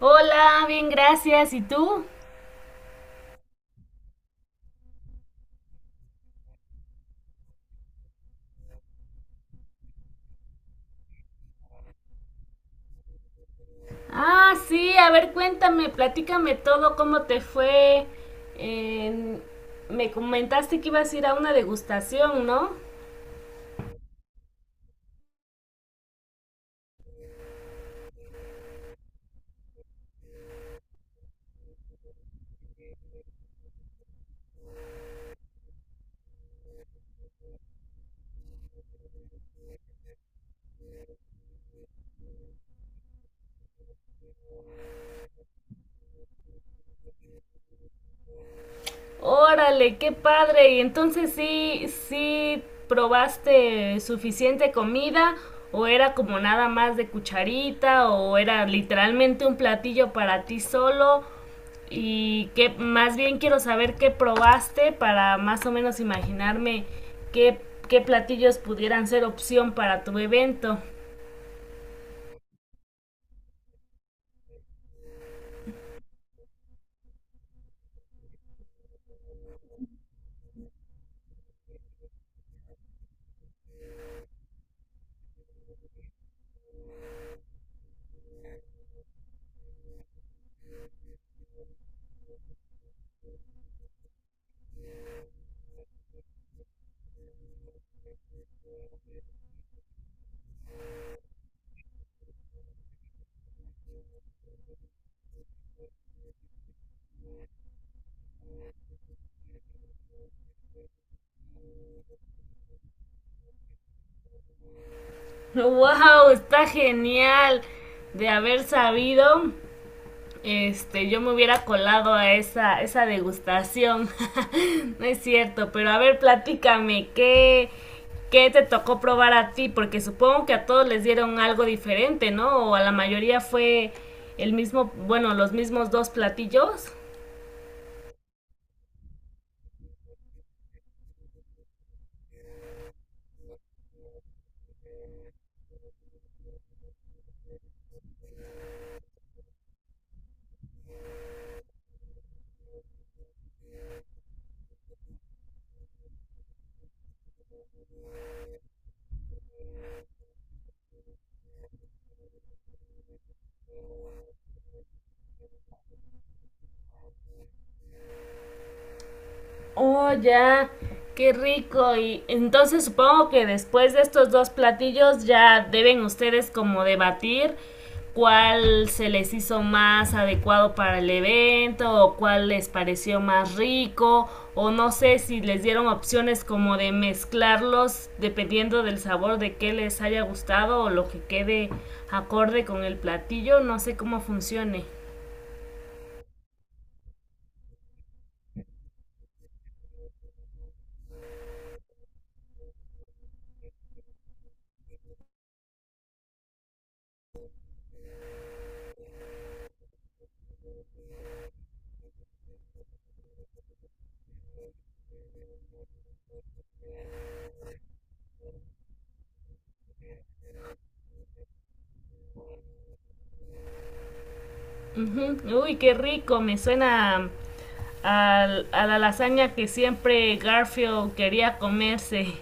Hola, bien, gracias. ¿Y tú? Ah, sí, a ver, cuéntame, platícame todo, cómo te fue. En- Me comentaste que ibas a ir a una degustación, ¿no? Órale, qué padre. Y entonces sí, sí probaste suficiente comida, o era como nada más de cucharita, o era literalmente un platillo para ti solo. Y que más bien quiero saber qué probaste para más o menos imaginarme qué, qué platillos pudieran ser opción para tu evento. ¡Wow! Está genial. De haber sabido, yo me hubiera colado a esa degustación. No es cierto, pero a ver, platícame, ¿qué te tocó probar a ti? Porque supongo que a todos les dieron algo diferente, ¿no? O a la mayoría fue el mismo, bueno, los mismos dos platillos. Oh, ya. Qué rico. Y entonces supongo que después de estos dos platillos ya deben ustedes como debatir cuál se les hizo más adecuado para el evento, o cuál les pareció más rico, o no sé si les dieron opciones como de mezclarlos dependiendo del sabor de qué les haya gustado o lo que quede acorde con el platillo. No sé cómo funcione. Ujú. Uy, qué rico, me suena a la lasaña que siempre Garfield quería comerse.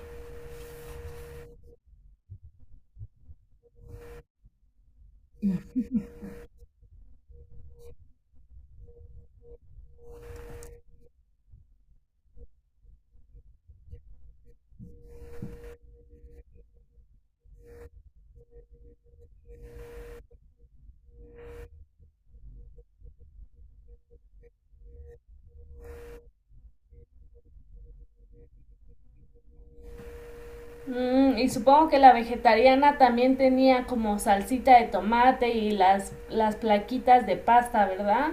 Mm, y supongo que la vegetariana también tenía como salsita de tomate y las plaquitas de pasta, ¿verdad?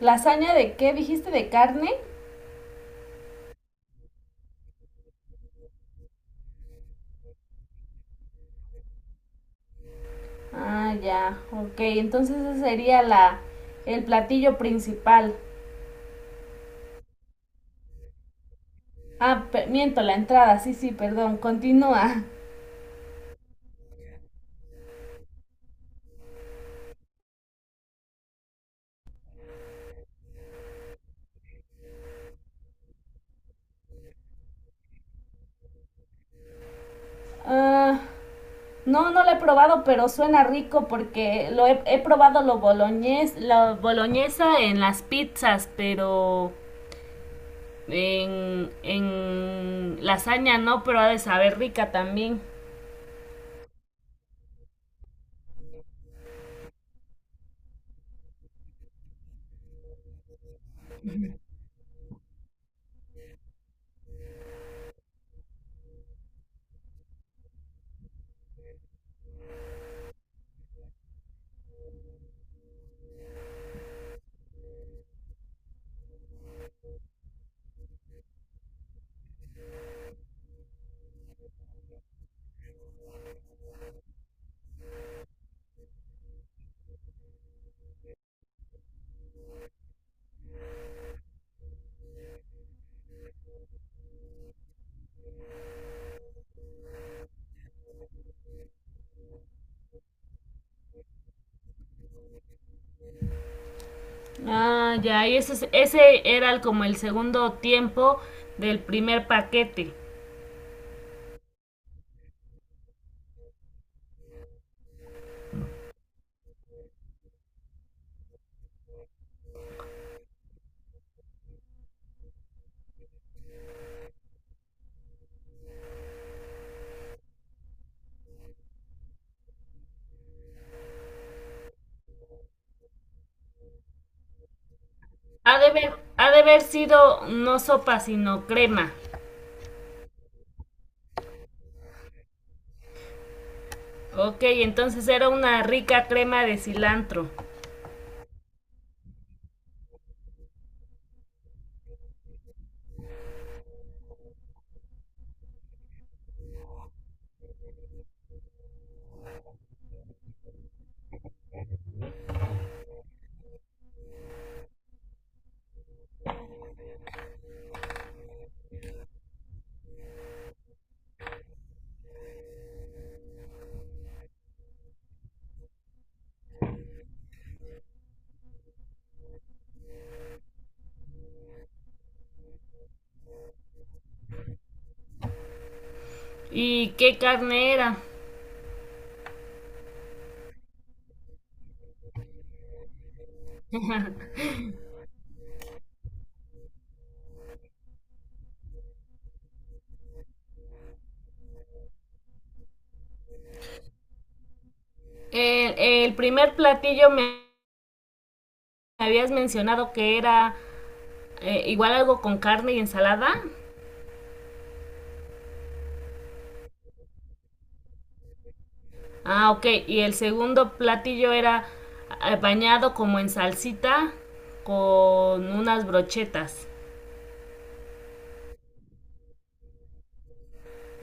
¿Lasaña de qué? ¿Dijiste de carne? Ah, ya, ok, entonces ese sería el platillo principal. Ah, miento, la entrada, sí, sí, perdón, continúa. Ah, No, no lo he probado, pero suena rico porque he probado lo boloñés, la boloñesa en las pizzas, pero en lasaña no, pero ha de saber rica también. Ah, ya, y ese, es- ese era el- como el segundo tiempo del primer paquete. Ha de haber sido no sopa, sino crema. Ok, entonces era una rica crema de cilantro. ¿Y qué carne era? El primer platillo me habías mencionado que era igual algo con carne y ensalada. Ah, ok. Y el segundo platillo era bañado como en salsita con unas brochetas.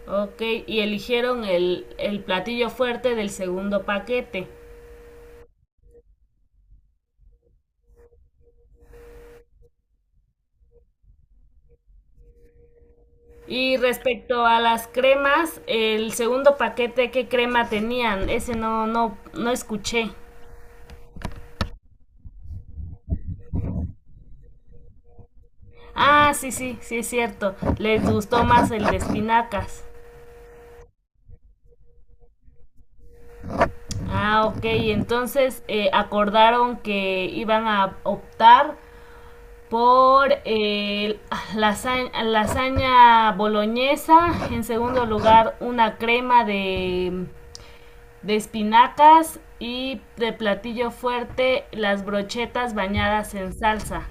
Ok. Y eligieron el platillo fuerte del segundo paquete. Y respecto a las cremas, el segundo paquete, ¿qué crema tenían? Ese no escuché. Ah, sí, sí, sí es cierto. Les gustó más el de espinacas. Ah, ok. Entonces acordaron que iban a optar por lasaña boloñesa. En segundo lugar, una crema de espinacas. Y de platillo fuerte, las brochetas bañadas en salsa.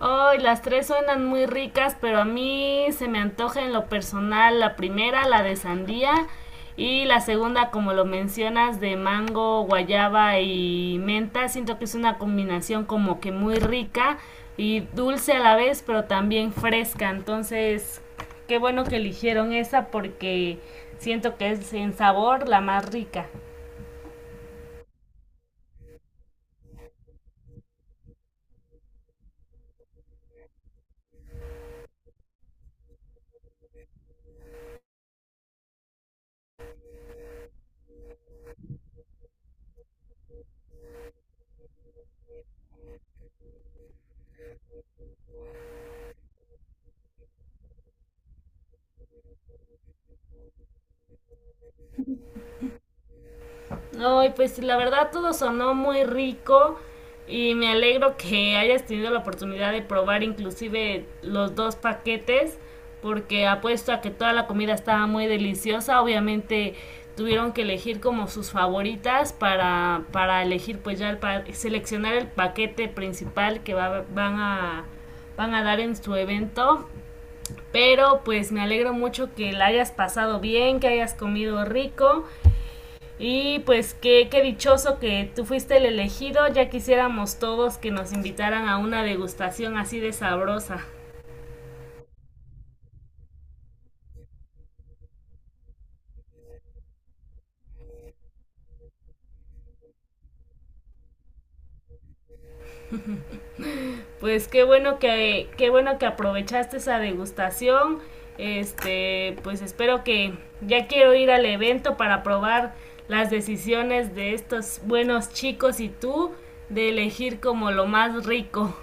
Ay, oh, las tres suenan muy ricas, pero a mí se me antoja en lo personal la primera, la de sandía, y la segunda, como lo mencionas, de mango, guayaba y menta. Siento que es una combinación como que muy rica y dulce a la vez, pero también fresca. Entonces, qué bueno que eligieron esa porque siento que es en sabor la más rica. Ay, pues la verdad todo sonó muy rico y me alegro que hayas tenido la oportunidad de probar inclusive los dos paquetes, porque apuesto a que toda la comida estaba muy deliciosa. Obviamente tuvieron que elegir como sus favoritas para elegir pues ya seleccionar el paquete principal que van a van a dar en su evento. Pero pues me alegro mucho que la hayas pasado bien, que hayas comido rico y pues qué dichoso que tú fuiste el elegido, ya quisiéramos todos que nos invitaran a una degustación así de sabrosa. Pues qué bueno que aprovechaste esa degustación. Este, pues espero que ya quiero ir al evento para probar las decisiones de estos buenos chicos, y tú, de elegir como lo más rico.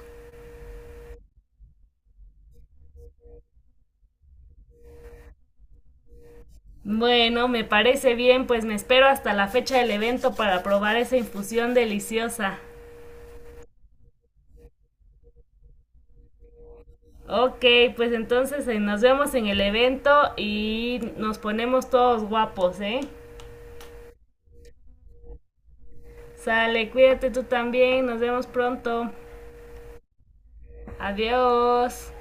Bueno, me parece bien, pues me espero hasta la fecha del evento para probar esa infusión deliciosa. Ok, pues entonces nos vemos en el evento y nos ponemos todos guapos, ¿eh? Sale, cuídate tú también, nos vemos pronto. Adiós.